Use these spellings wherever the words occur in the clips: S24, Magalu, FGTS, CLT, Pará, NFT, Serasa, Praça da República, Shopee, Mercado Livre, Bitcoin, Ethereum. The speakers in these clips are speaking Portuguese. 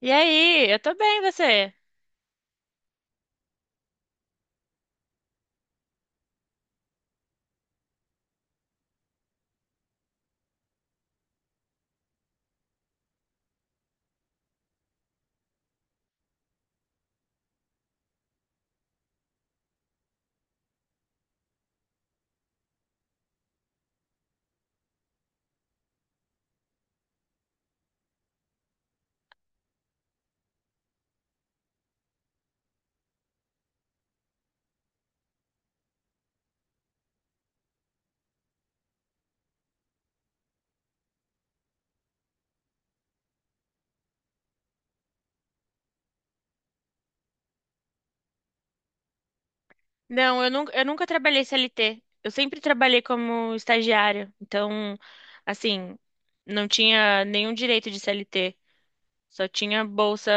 E aí, eu tô bem, você? Não, eu nunca trabalhei CLT. Eu sempre trabalhei como estagiária. Então, assim, não tinha nenhum direito de CLT. Só tinha bolsa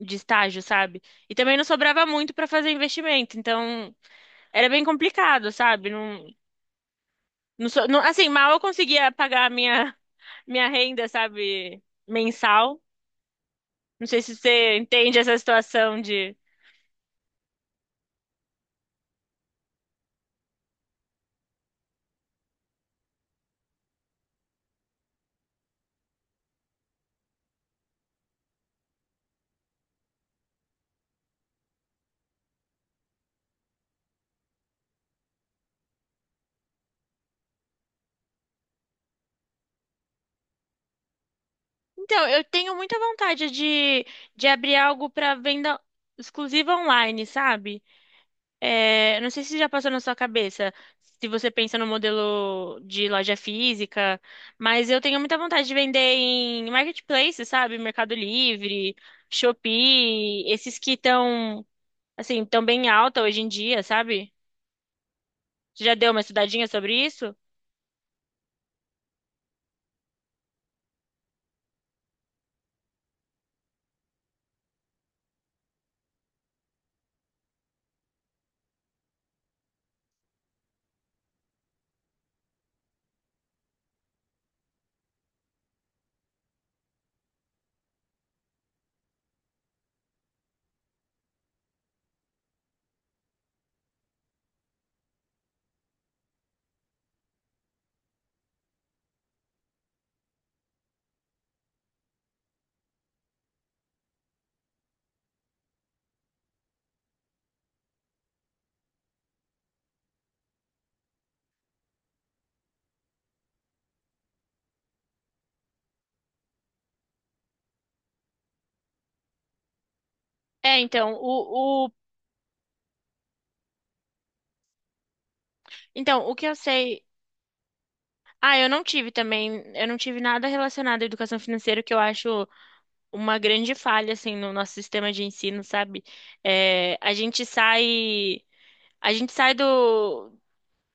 de estágio, sabe? E também não sobrava muito pra fazer investimento. Então, era bem complicado, sabe? Assim, mal eu conseguia pagar a minha, minha renda, sabe? Mensal. Não sei se você entende essa situação. Então, eu tenho muita vontade de abrir algo para venda exclusiva online, sabe? É, não sei se já passou na sua cabeça, se você pensa no modelo de loja física, mas eu tenho muita vontade de vender em marketplace, sabe? Mercado Livre, Shopee, esses que estão, assim, tão bem alta hoje em dia, sabe? Você já deu uma estudadinha sobre isso? É, então, o, o, então, o que eu sei. Ah, eu não tive nada relacionado à educação financeira, que eu acho uma grande falha, assim, no nosso sistema de ensino, sabe? É, a gente sai, a gente sai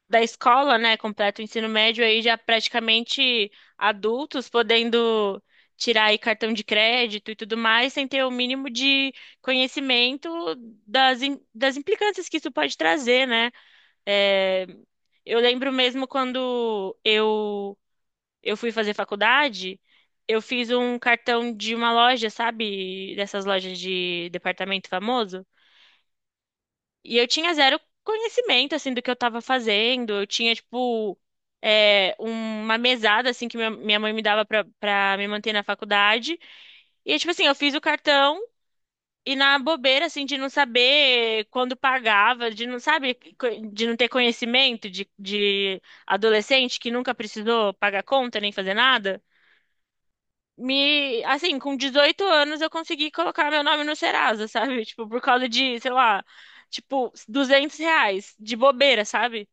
da escola, né, completa o ensino médio aí já praticamente adultos, podendo tirar aí cartão de crédito e tudo mais, sem ter o mínimo de conhecimento das implicâncias que isso pode trazer, né? É, eu lembro mesmo quando eu fui fazer faculdade, eu fiz um cartão de uma loja, sabe? Dessas lojas de departamento famoso. E eu tinha zero conhecimento, assim, do que eu tava fazendo. Eu tinha, tipo, é, uma mesada, assim, que minha mãe me dava pra me manter na faculdade. E, tipo assim, eu fiz o cartão. E na bobeira, assim, de não saber quando pagava, de não, sabe, co- de não ter conhecimento de adolescente que nunca precisou pagar conta nem fazer nada. Me, assim, com 18 anos eu consegui colocar meu nome no Serasa, sabe? Tipo, por causa de, sei lá, tipo, R$ 200 de bobeira, sabe?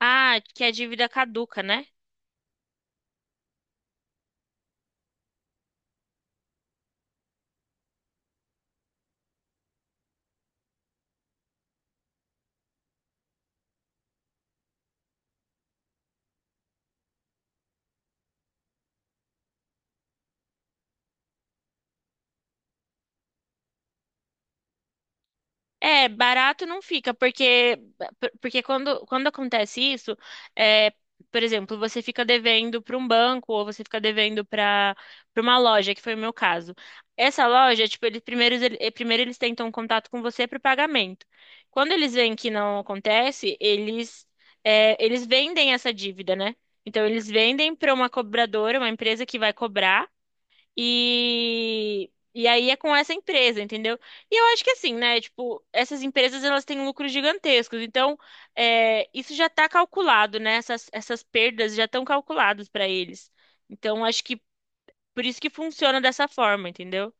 Ah, que a dívida caduca, né? É, barato não fica, porque porque quando acontece isso, é, por exemplo, você fica devendo para um banco ou você fica devendo para uma loja, que foi o meu caso. Essa loja, tipo, eles primeiro, primeiro eles tentam contato com você para o pagamento. Quando eles veem que não acontece, eles vendem essa dívida, né? Então eles vendem para uma cobradora, uma empresa que vai cobrar. E aí é com essa empresa, entendeu? E eu acho que assim, né? Tipo, essas empresas elas têm lucros gigantescos, então é, isso já tá calculado, né? Essas perdas já estão calculadas para eles. Então acho que por isso que funciona dessa forma, entendeu?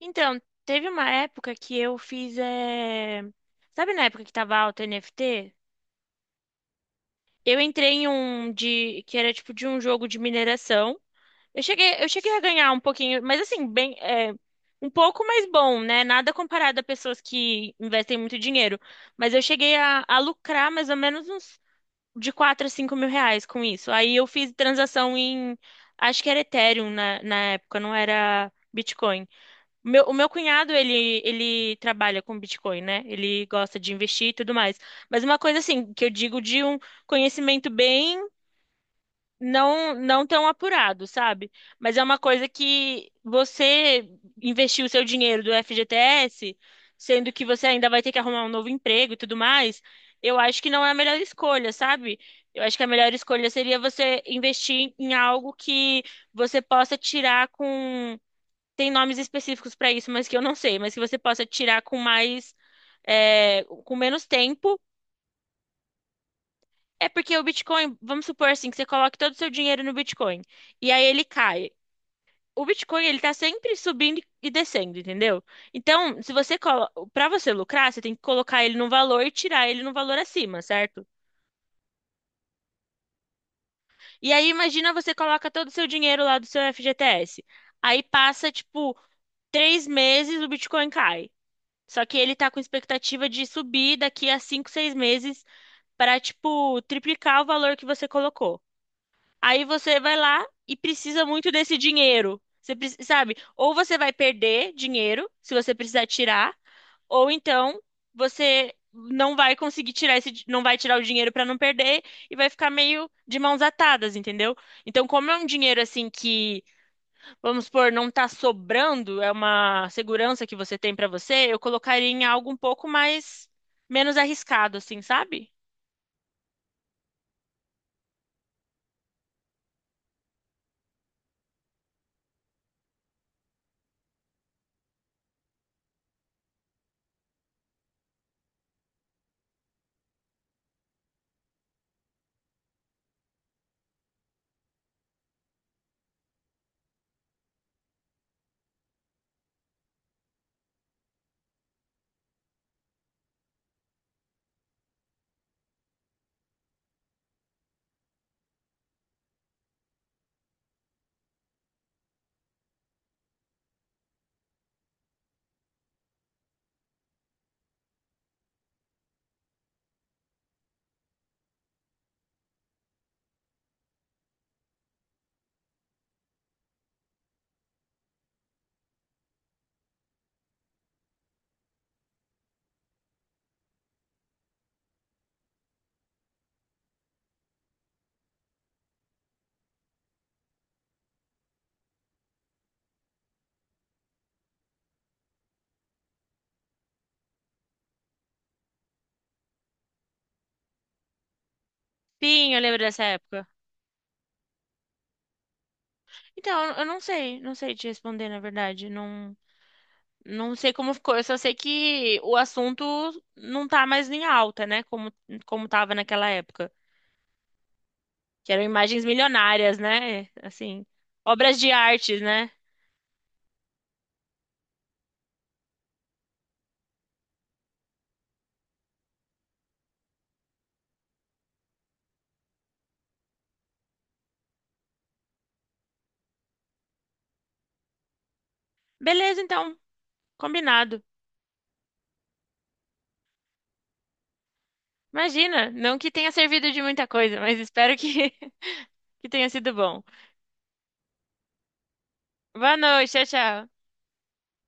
Então, teve uma época que eu fiz. É, sabe na época que tava alta NFT? Eu entrei em um de que era tipo de um jogo de mineração. Eu cheguei a ganhar um pouquinho, mas assim, bem, é, um pouco mais bom, né? Nada comparado a pessoas que investem muito dinheiro. Mas eu cheguei a lucrar mais ou menos uns de R$ 4 a 5 mil com isso. Aí eu fiz transação em, acho que era Ethereum na época, não era Bitcoin. O meu cunhado, ele trabalha com Bitcoin, né? Ele gosta de investir e tudo mais. Mas uma coisa assim, que eu digo de um conhecimento bem não tão apurado, sabe? Mas é uma coisa que você investiu o seu dinheiro do FGTS, sendo que você ainda vai ter que arrumar um novo emprego e tudo mais, eu acho que não é a melhor escolha, sabe? Eu acho que a melhor escolha seria você investir em algo que você possa tirar com. Tem nomes específicos para isso, mas que eu não sei, mas que você possa tirar com mais. É, com menos tempo. É porque o Bitcoin, vamos supor assim, que você coloque todo o seu dinheiro no Bitcoin e aí ele cai. O Bitcoin, ele tá sempre subindo e descendo, entendeu? Então, se você colo... para você lucrar, você tem que colocar ele num valor e tirar ele num valor acima, certo? E aí imagina você coloca todo o seu dinheiro lá do seu FGTS. Aí passa tipo 3 meses, o Bitcoin cai. Só que ele tá com expectativa de subir daqui a 5, 6 meses para tipo triplicar o valor que você colocou. Aí você vai lá e precisa muito desse dinheiro. Você preci- sabe? Ou você vai perder dinheiro se você precisar tirar, ou então você não vai conseguir tirar esse, di- não vai tirar o dinheiro para não perder e vai ficar meio de mãos atadas, entendeu? Então, como é um dinheiro assim que, vamos supor, não tá sobrando, é uma segurança que você tem para você, eu colocaria em algo um pouco mais menos arriscado, assim, sabe? Pinho, eu lembro dessa época. Então, eu não sei, não sei te responder, na verdade. Não, não sei como ficou. Eu só sei que o assunto não tá mais em alta, né? Como, como tava naquela época. Que eram imagens milionárias, né? Assim, obras de arte, né? Beleza, então, combinado. Imagina, não que tenha servido de muita coisa, mas espero que, que tenha sido bom. Boa noite, tchau, tchau.